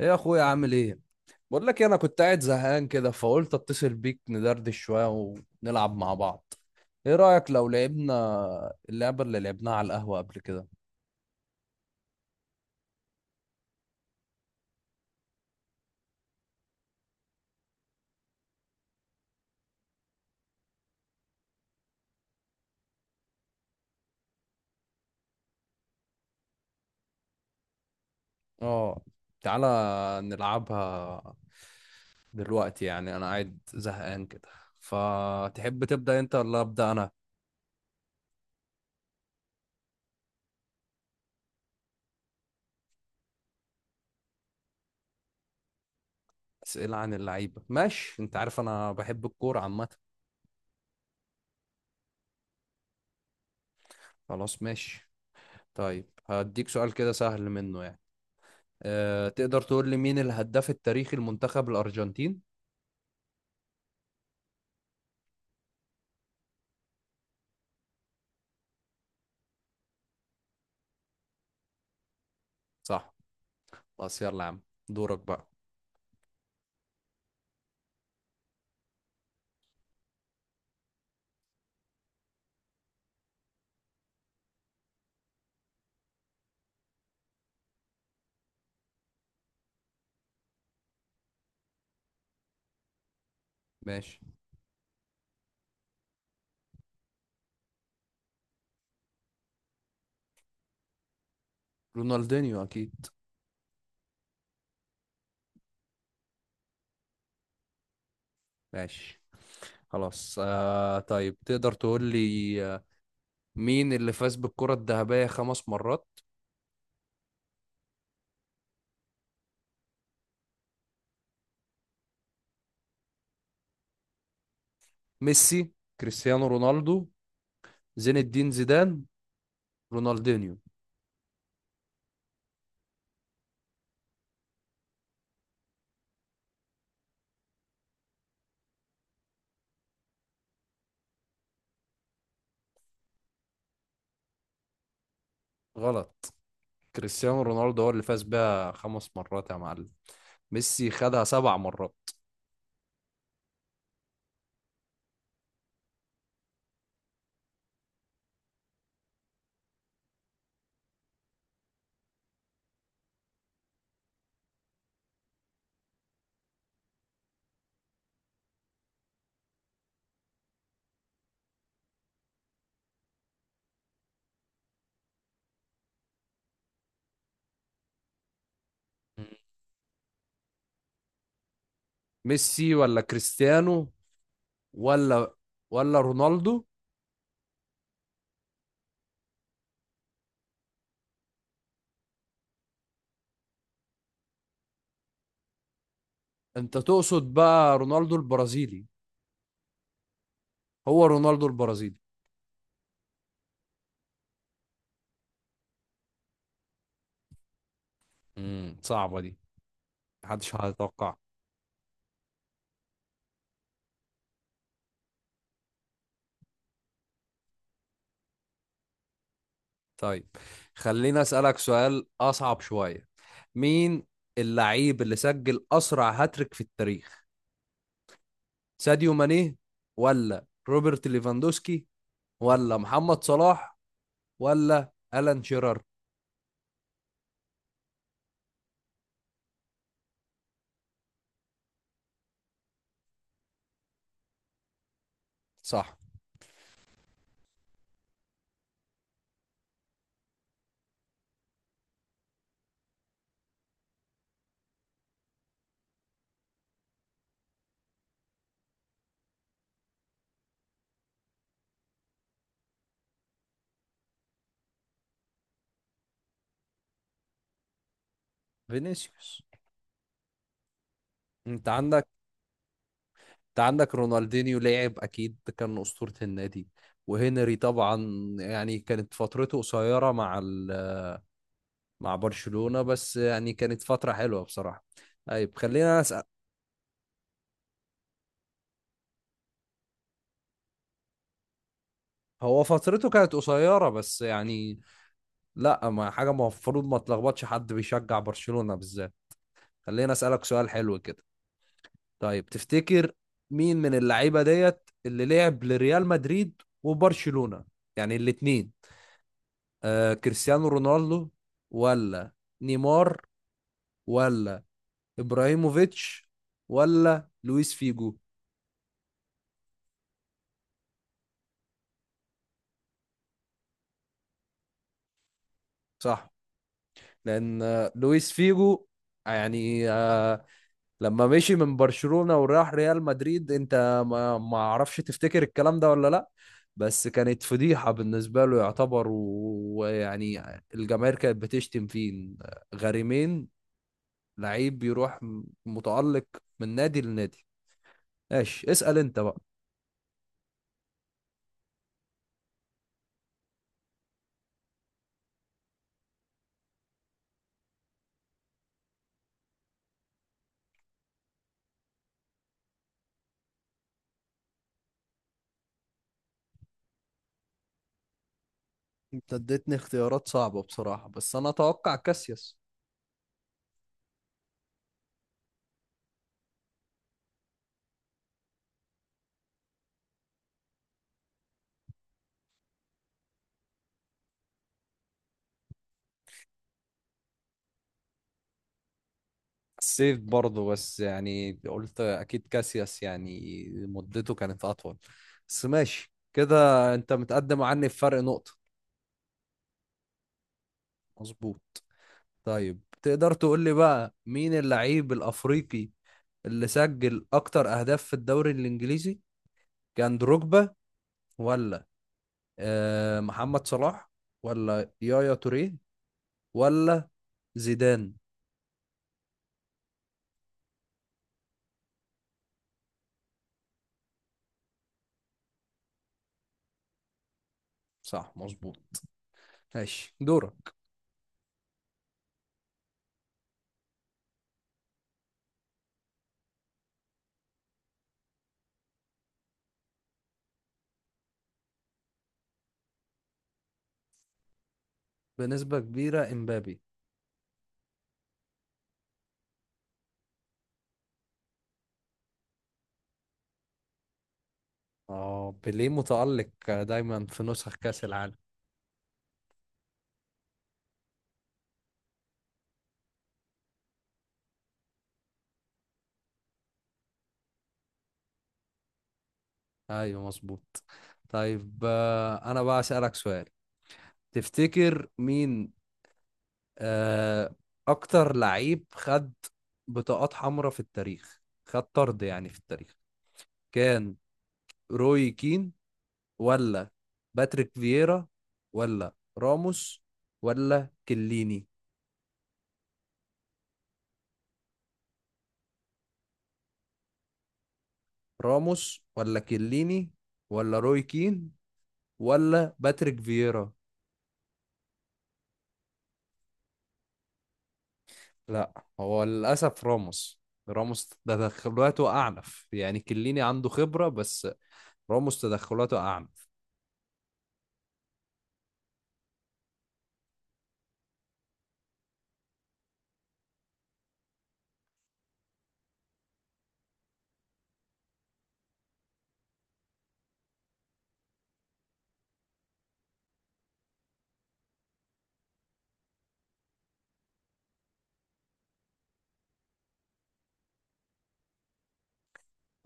ايه يا اخويا عامل ايه؟ بقول لك إيه، انا كنت قاعد زهقان كده فقلت اتصل بيك ندردش شويه ونلعب مع بعض. ايه رايك لو لعبنا اللعبه اللي لعبناها على القهوه قبل كده؟ اه، تعالى نلعبها دلوقتي، يعني انا قاعد زهقان كده. فتحب تبدا انت ولا ابدا انا؟ اسئله عن اللعيبه، ماشي. انت عارف انا بحب الكوره عامه. خلاص ماشي. طيب هديك سؤال كده سهل منه يعني. تقدر تقول لي مين الهداف التاريخي لمنتخب الارجنتين؟ صح، بس يلا يا عم، دورك بقى. ماشي، رونالدينيو اكيد. ماشي خلاص. طيب تقدر تقول لي، مين اللي فاز بالكرة الذهبية 5 مرات؟ ميسي؟ كريستيانو رونالدو؟ زين الدين زيدان؟ رونالدينيو؟ غلط، كريستيانو رونالدو هو اللي فاز بيها 5 مرات يا معلم. ميسي خدها 7 مرات. ميسي ولا كريستيانو، ولا ولا رونالدو؟ انت تقصد بقى رونالدو البرازيلي؟ هو رونالدو البرازيلي. صعبة دي، محدش هيتوقع. طيب خليني أسألك سؤال أصعب شوية. مين اللعيب اللي سجل أسرع هاتريك في التاريخ؟ ساديو ماني، ولا روبرت ليفاندوسكي، ولا محمد صلاح، ولا ألان شيرر؟ صح، فينيسيوس. انت عندك انت عندك رونالدينيو لعب اكيد، ده كان اسطورة النادي. وهنري طبعا، يعني كانت فترته قصيرة مع مع برشلونة، بس يعني كانت فترة حلوة بصراحة. طيب خلينا أسأل. هو فترته كانت قصيرة بس يعني، لا، ما حاجة المفروض ما تلخبطش حد بيشجع برشلونة بالذات. خلينا أسألك سؤال حلو كده. طيب تفتكر مين من اللعيبة ديت اللي لعب لريال مدريد وبرشلونة، يعني الاتنين؟ آه، كريستيانو رونالدو، ولا نيمار، ولا إبراهيموفيتش، ولا لويس فيجو؟ صح. لان لويس فيجو يعني، لما مشي من برشلونة وراح ريال مدريد، انت ما اعرفش، تفتكر الكلام ده ولا لا؟ بس كانت فضيحة بالنسبة له يعتبر، ويعني الجماهير كانت بتشتم فيه. غريمين، لعيب بيروح متألق من نادي لنادي. ماشي، اسأل انت بقى. انت اديتني اختيارات صعبة بصراحة، بس انا اتوقع كاسياس. سيف برضه، بس يعني قلت اكيد كاسياس، يعني مدته كانت اطول. بس ماشي كده، انت متقدم عني بفرق نقطة. مظبوط. طيب تقدر تقول لي بقى مين اللعيب الافريقي اللي سجل اكتر اهداف في الدوري الانجليزي؟ كان دروجبا، ولا محمد صلاح، ولا يايا توريه، ولا زيدان؟ صح، مظبوط. ماشي دورك. بنسبة كبيرة امبابي. اه، بيليه متألق دايما في نسخ كأس العالم. ايوه مظبوط. طيب، انا بقى أسألك سؤال. تفتكر مين آه، اكتر لعيب خد بطاقات حمراء في التاريخ، خد طرد يعني في التاريخ؟ كان روي كين، ولا باتريك فييرا، ولا راموس، ولا كليني؟ راموس ولا كليني ولا روي كين ولا باتريك فييرا؟ لا، هو للأسف راموس. راموس تدخلاته أعنف، يعني كليني عنده خبرة بس راموس تدخلاته أعنف.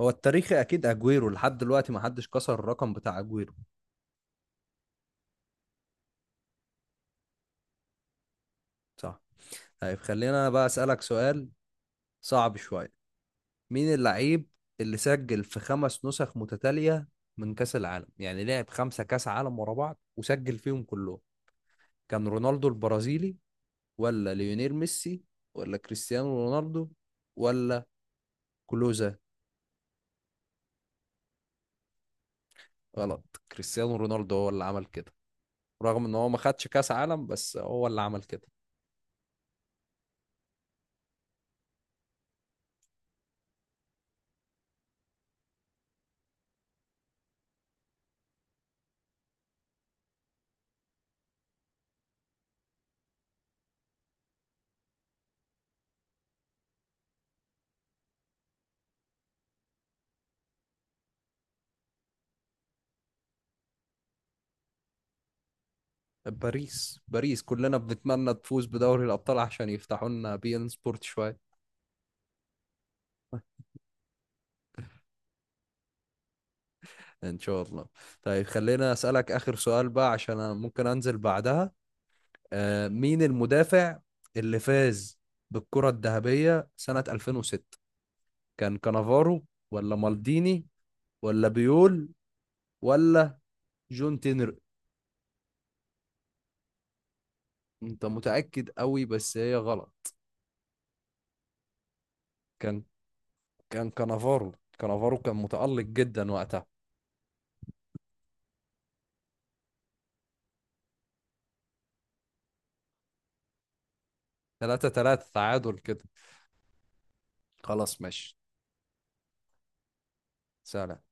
هو التاريخي أكيد أجويرو، لحد دلوقتي ما حدش كسر الرقم بتاع أجويرو. صح. طيب خلينا أنا بقى أسألك سؤال صعب شوية. مين اللعيب اللي سجل في 5 نسخ متتالية من كأس العالم؟ يعني لعب 5 كأس عالم ورا بعض وسجل فيهم كلهم. كان رونالدو البرازيلي، ولا ليونيل ميسي، ولا كريستيانو رونالدو، ولا كلوزا؟ غلط، كريستيانو رونالدو هو اللي عمل كده، رغم ان هو ما خدش كاس عالم بس هو اللي عمل كده. باريس، باريس كلنا بنتمنى تفوز بدوري الابطال عشان يفتحوا لنا بي ان سبورت شويه. ان شاء الله. طيب خلينا اسالك اخر سؤال بقى عشان انا ممكن انزل بعدها. آه، مين المدافع اللي فاز بالكره الذهبيه سنه 2006؟ كان كانافارو، ولا مالديني، ولا بيول، ولا جون تينر؟ انت متاكد قوي بس هي غلط. كان كان كانافارو كان متألق جدا وقتها. 3-3 تعادل كده. خلاص ماشي. سلام.